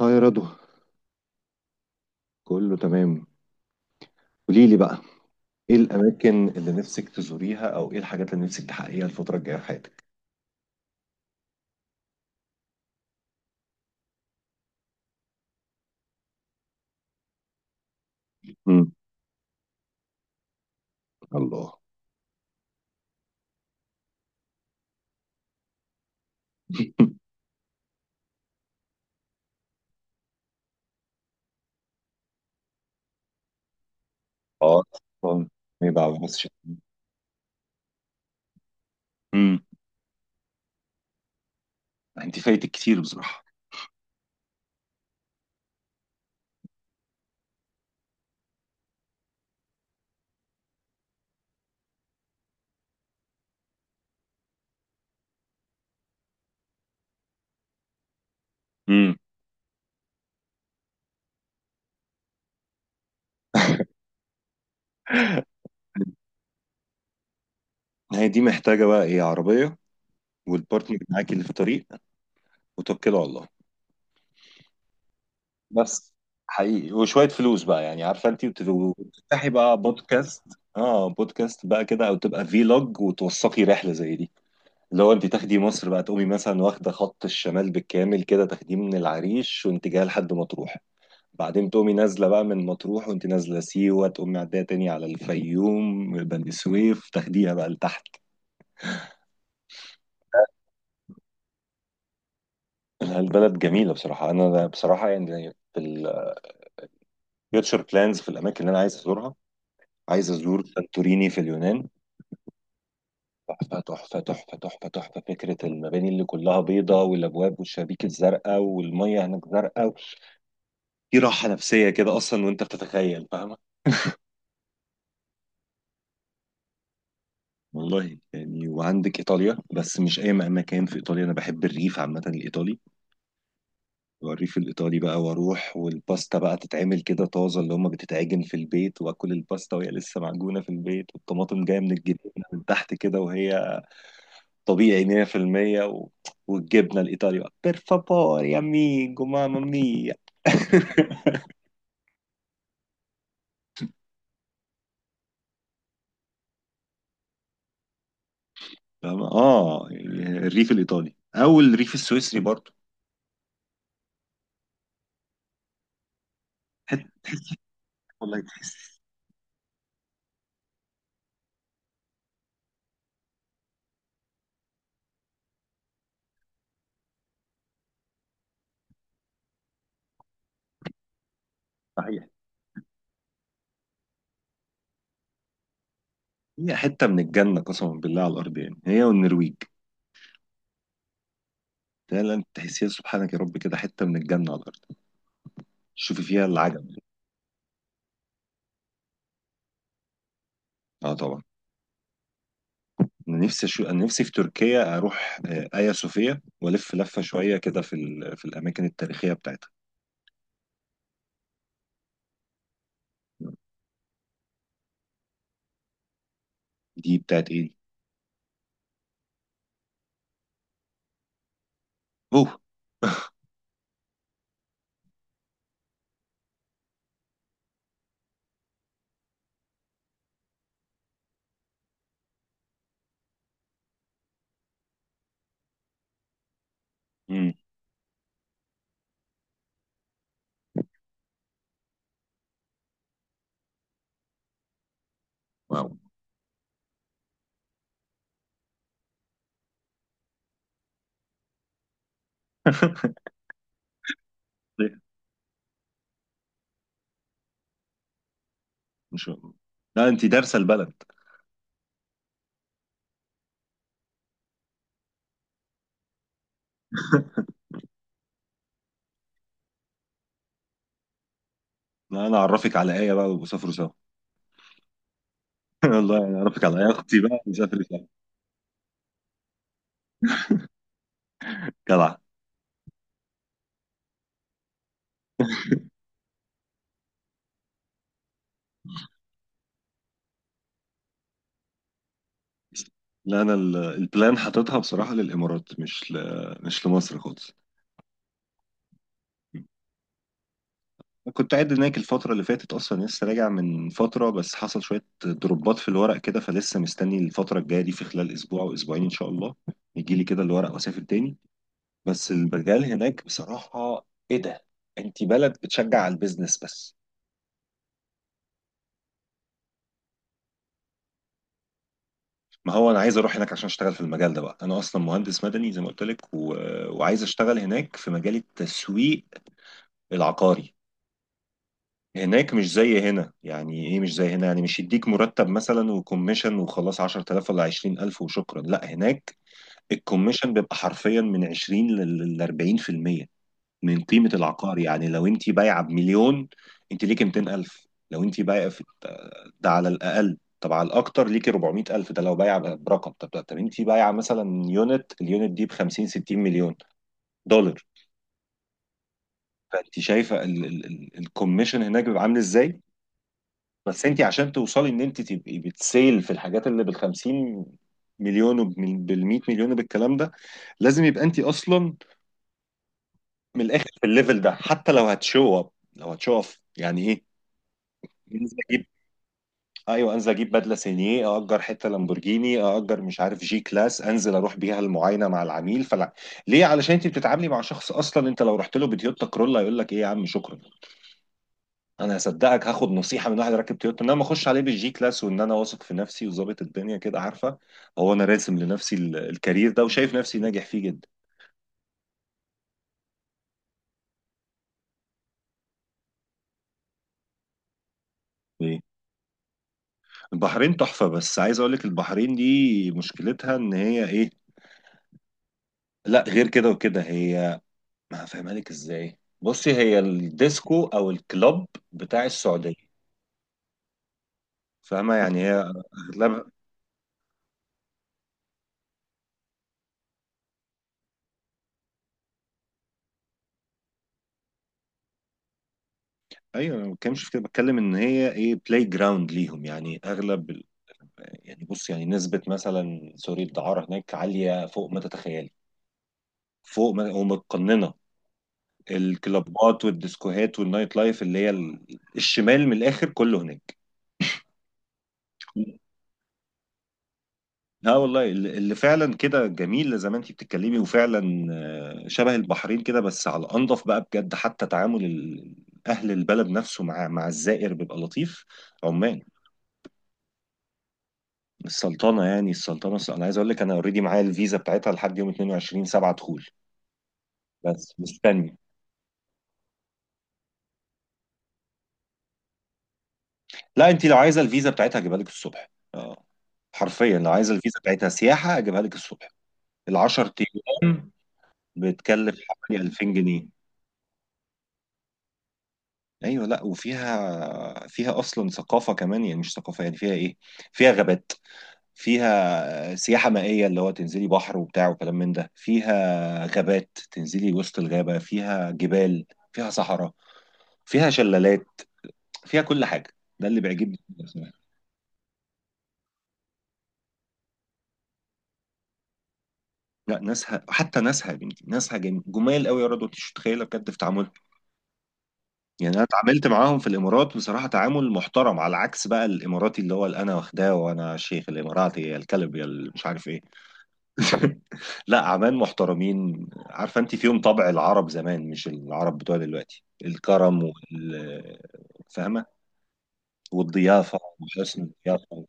اه يا رضوى. كله تمام. قولي لي بقى، ايه الاماكن اللي نفسك تزوريها او ايه الحاجات اللي نفسك تحققيها الفتره الجايه في حياتك؟ امم. الله. اه طبعاً. ما يبعوش. امم. انت فايتك كتير بصراحه. امم. هي دي محتاجه بقى ايه؟ عربيه، والبارتنر معاكي اللي في الطريق، وتوكلوا على الله. بس حقيقي وشوية فلوس بقى يعني، عارفة انت وتفتحي بقى بودكاست. اه بودكاست بقى كده او تبقى فيلوج وتوثقي رحله زي دي. لو انت تاخدي مصر بقى تقومي مثلا واخده خط الشمال بالكامل كده، تاخديه من العريش وانت جايه لحد مطروح. بعدين تقومي نازله بقى من مطروح وانت نازله سيوه، تقومي معديه تاني على الفيوم بني سويف تاخديها بقى لتحت. لا، البلد جميله بصراحه. انا بصراحه يعني في الفيوتشر بلانز، في الاماكن اللي انا عايز ازورها. عايز ازور سانتوريني في اليونان. تحفة تحفة تحفة تحفة تحفة، فكرة المباني اللي كلها بيضة والأبواب والشبابيك الزرقاء، والمية هناك زرقاء. في راحة نفسية كده أصلا وأنت بتتخيل، فاهمة؟ والله يعني، وعندك ايطاليا. بس مش اي مكان في ايطاليا، انا بحب الريف عامه الايطالي. والريف الايطالي بقى، واروح والباستا بقى تتعمل كده طازه اللي هم بتتعجن في البيت، واكل الباستا وهي لسه معجونه في البيت، والطماطم جايه من الجنينه من تحت كده وهي طبيعي 100% و... والجبنه الايطالي بقى، بير فابور يا ميجو ماما ميا. فاهم؟ اه الريف الايطالي او الريف السويسري برضه. حته. والله تحس. صحيح. هي حته من الجنه قسما بالله على الارض يعني، هي والنرويج. فعلا تحسيها سبحانك يا رب كده، حته من الجنه على الارض. شوفي فيها العجب. اه طبعا. انا نفسي في تركيا اروح ايا صوفيا والف لفه شويه كده في الاماكن التاريخيه بتاعتها. دي بتاعت ايه دي؟ اوه. امم. واو. إيه؟ مش. لا انت دارسه البلد. لا انا اعرفك على ايه بقى، وسافروا سوا. والله انا اعرفك على ايه اختي بقى نسافر سوا. جدع. لا انا البلان حاططها بصراحه للامارات، مش لمصر خالص. كنت قاعد هناك الفترة اللي فاتت أصلا، لسه راجع من فترة بس حصل شوية دروبات في الورق كده، فلسه مستني الفترة الجاية دي في خلال أسبوع أو أسبوعين إن شاء الله يجي لي كده الورق وأسافر تاني. بس البرجال هناك بصراحة، إيه ده؟ أنت بلد بتشجع على البيزنس بس. ما هو أنا عايز أروح هناك عشان أشتغل في المجال ده بقى، أنا أصلا مهندس مدني زي ما قلت لك و... وعايز أشتغل هناك في مجال التسويق العقاري. هناك مش زي هنا يعني ايه، مش زي هنا يعني، مش يديك مرتب مثلا وكوميشن وخلاص 10000 ولا 20000 وشكرا. لا هناك الكوميشن بيبقى حرفيا من 20 ل 40% من قيمة العقار. يعني لو انت بايعة بمليون، انت ليكي 200000 لو انت بايعة في ده على الاقل. طب على الاكتر ليكي 400000 ده لو بايعة برقم. طب طب انت بايعة مثلا يونت، اليونت دي ب 50 60 مليون دولار. فانت شايفة الكوميشن هناك بيبقى عامل ازاي. بس انت عشان توصلي ان انت تبقي بتسيل في الحاجات اللي بال 50 مليون وبال 100 مليون وبالكلام ده، لازم يبقى انت اصلا من الاخر في الليفل ده. حتى لو هتشو اب، لو هتشو اب يعني ايه؟ انزل اجيب. ايوه انزل اجيب بدله سينيه، اجر حته لامبورجيني، اجر مش عارف جي كلاس، انزل اروح بيها المعاينه مع العميل، فلا. ليه؟ علشان انت بتتعاملي مع شخص، اصلا انت لو رحت له بتويوتا كرولا يقول لك ايه يا عم شكرا. انا هصدقك هاخد نصيحه من واحد راكب تويوتا، ان انا ما اخش عليه بالجي كلاس وان انا واثق في نفسي وظابط الدنيا كده، عارفه؟ هو انا راسم لنفسي الكارير ده وشايف نفسي ناجح فيه جدا. إيه؟ البحرين. تحفه. بس عايز اقول لك البحرين دي مشكلتها ان هي ايه؟ لا غير كده وكده هي، ما هفهمها لك ازاي. بصي، هي الديسكو او الكلوب بتاع السعوديه. فاهمه؟ يعني هي اغلب، ايوه أنا ما بتكلمش في كده، بتكلم ان هي ايه، بلاي جراوند ليهم. يعني اغلب، يعني بص يعني، نسبة مثلا سوري الدعارة هناك عالية فوق ما تتخيلي، فوق ما، ومتقننة. الكلابات والديسكوهات والنايت لايف اللي هي الشمال من الآخر كله هناك. لا والله، اللي فعلا كده جميل زي ما انتي بتتكلمي، وفعلا شبه البحرين كده بس على الأنظف بقى بجد. حتى تعامل أهل البلد نفسه مع الزائر بيبقى لطيف. عمان، السلطنة يعني السلطنة، أنا عايز أقول لك أنا أوريدي معايا الفيزا بتاعتها لحد يوم 22 7 دخول، بس مستني. لا انت لو عايزه الفيزا بتاعتها اجيبها لك الصبح. اه حرفيا لو عايزه الفيزا بتاعتها سياحه اجيبها لك الصبح. ال 10 ايام بتكلف حوالي 2000 جنيه. ايوه، لا وفيها، فيها اصلا ثقافه كمان يعني، مش ثقافه يعني فيها ايه، فيها غابات، فيها سياحه مائيه اللي هو تنزلي بحر وبتاع وكلام من ده، فيها غابات تنزلي وسط الغابه، فيها جبال، فيها صحراء، فيها شلالات، فيها كل حاجه. ده اللي بيعجبني. لا ناسها حتى ناسها يا بنتي، ناسها جمال قوي يا رضوى، انت مش متخيله بجد في تعاملهم. يعني انا اتعاملت معاهم في الامارات بصراحه تعامل محترم، على عكس بقى الاماراتي اللي هو اللي انا واخداه، وانا شيخ الاماراتي يا الكلب يا مش عارف ايه. لا عمان محترمين، عارفه انت فيهم طبع العرب زمان مش العرب بتوع دلوقتي، الكرم وال فاهمه، والضيافه وحسن الضيافه.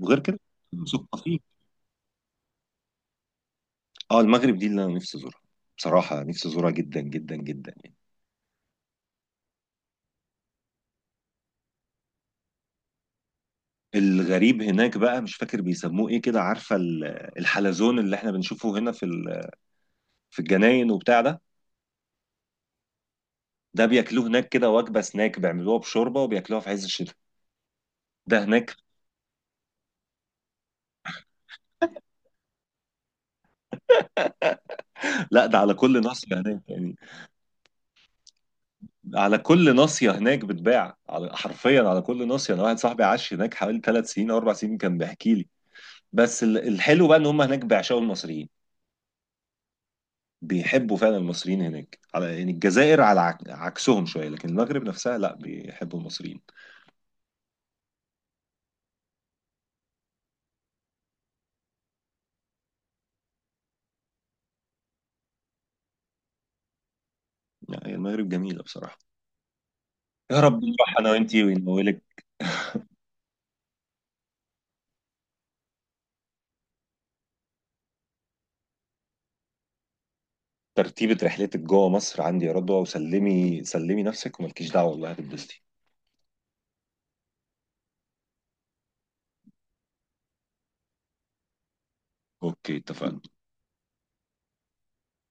وغير كده مثقفين. اه المغرب دي اللي انا نفسي ازورها. بصراحه نفسي ازورها جدا جدا جدا يعني. الغريب هناك بقى مش فاكر بيسموه ايه كده، عارفه الحلزون اللي احنا بنشوفه هنا في الجناين وبتاع ده، ده بياكلوه هناك كده وجبه سناك، بيعملوها بشوربه وبياكلوها في عز الشتاء ده هناك. لا ده على كل ناصيه هناك يعني. على كل ناصيه هناك بتباع، على حرفيا على كل ناصيه. انا واحد صاحبي عاش هناك حوالي 3 سنين او 4 سنين كان بيحكي لي. بس الحلو بقى ان هم هناك بيعشقوا المصريين. بيحبوا فعلا المصريين هناك. على يعني الجزائر على عكسهم شويه، لكن المغرب نفسها لا بيحبوا المصريين. لا هي المغرب جميلة بصراحة. يا رب نروح أنا وأنتي ونولك. ترتيبة رحلتك جوه مصر عندي يا رضوى، وسلمي سلمي نفسك وملكيش دعوة والله هتتبسطي. أوكي اتفقنا.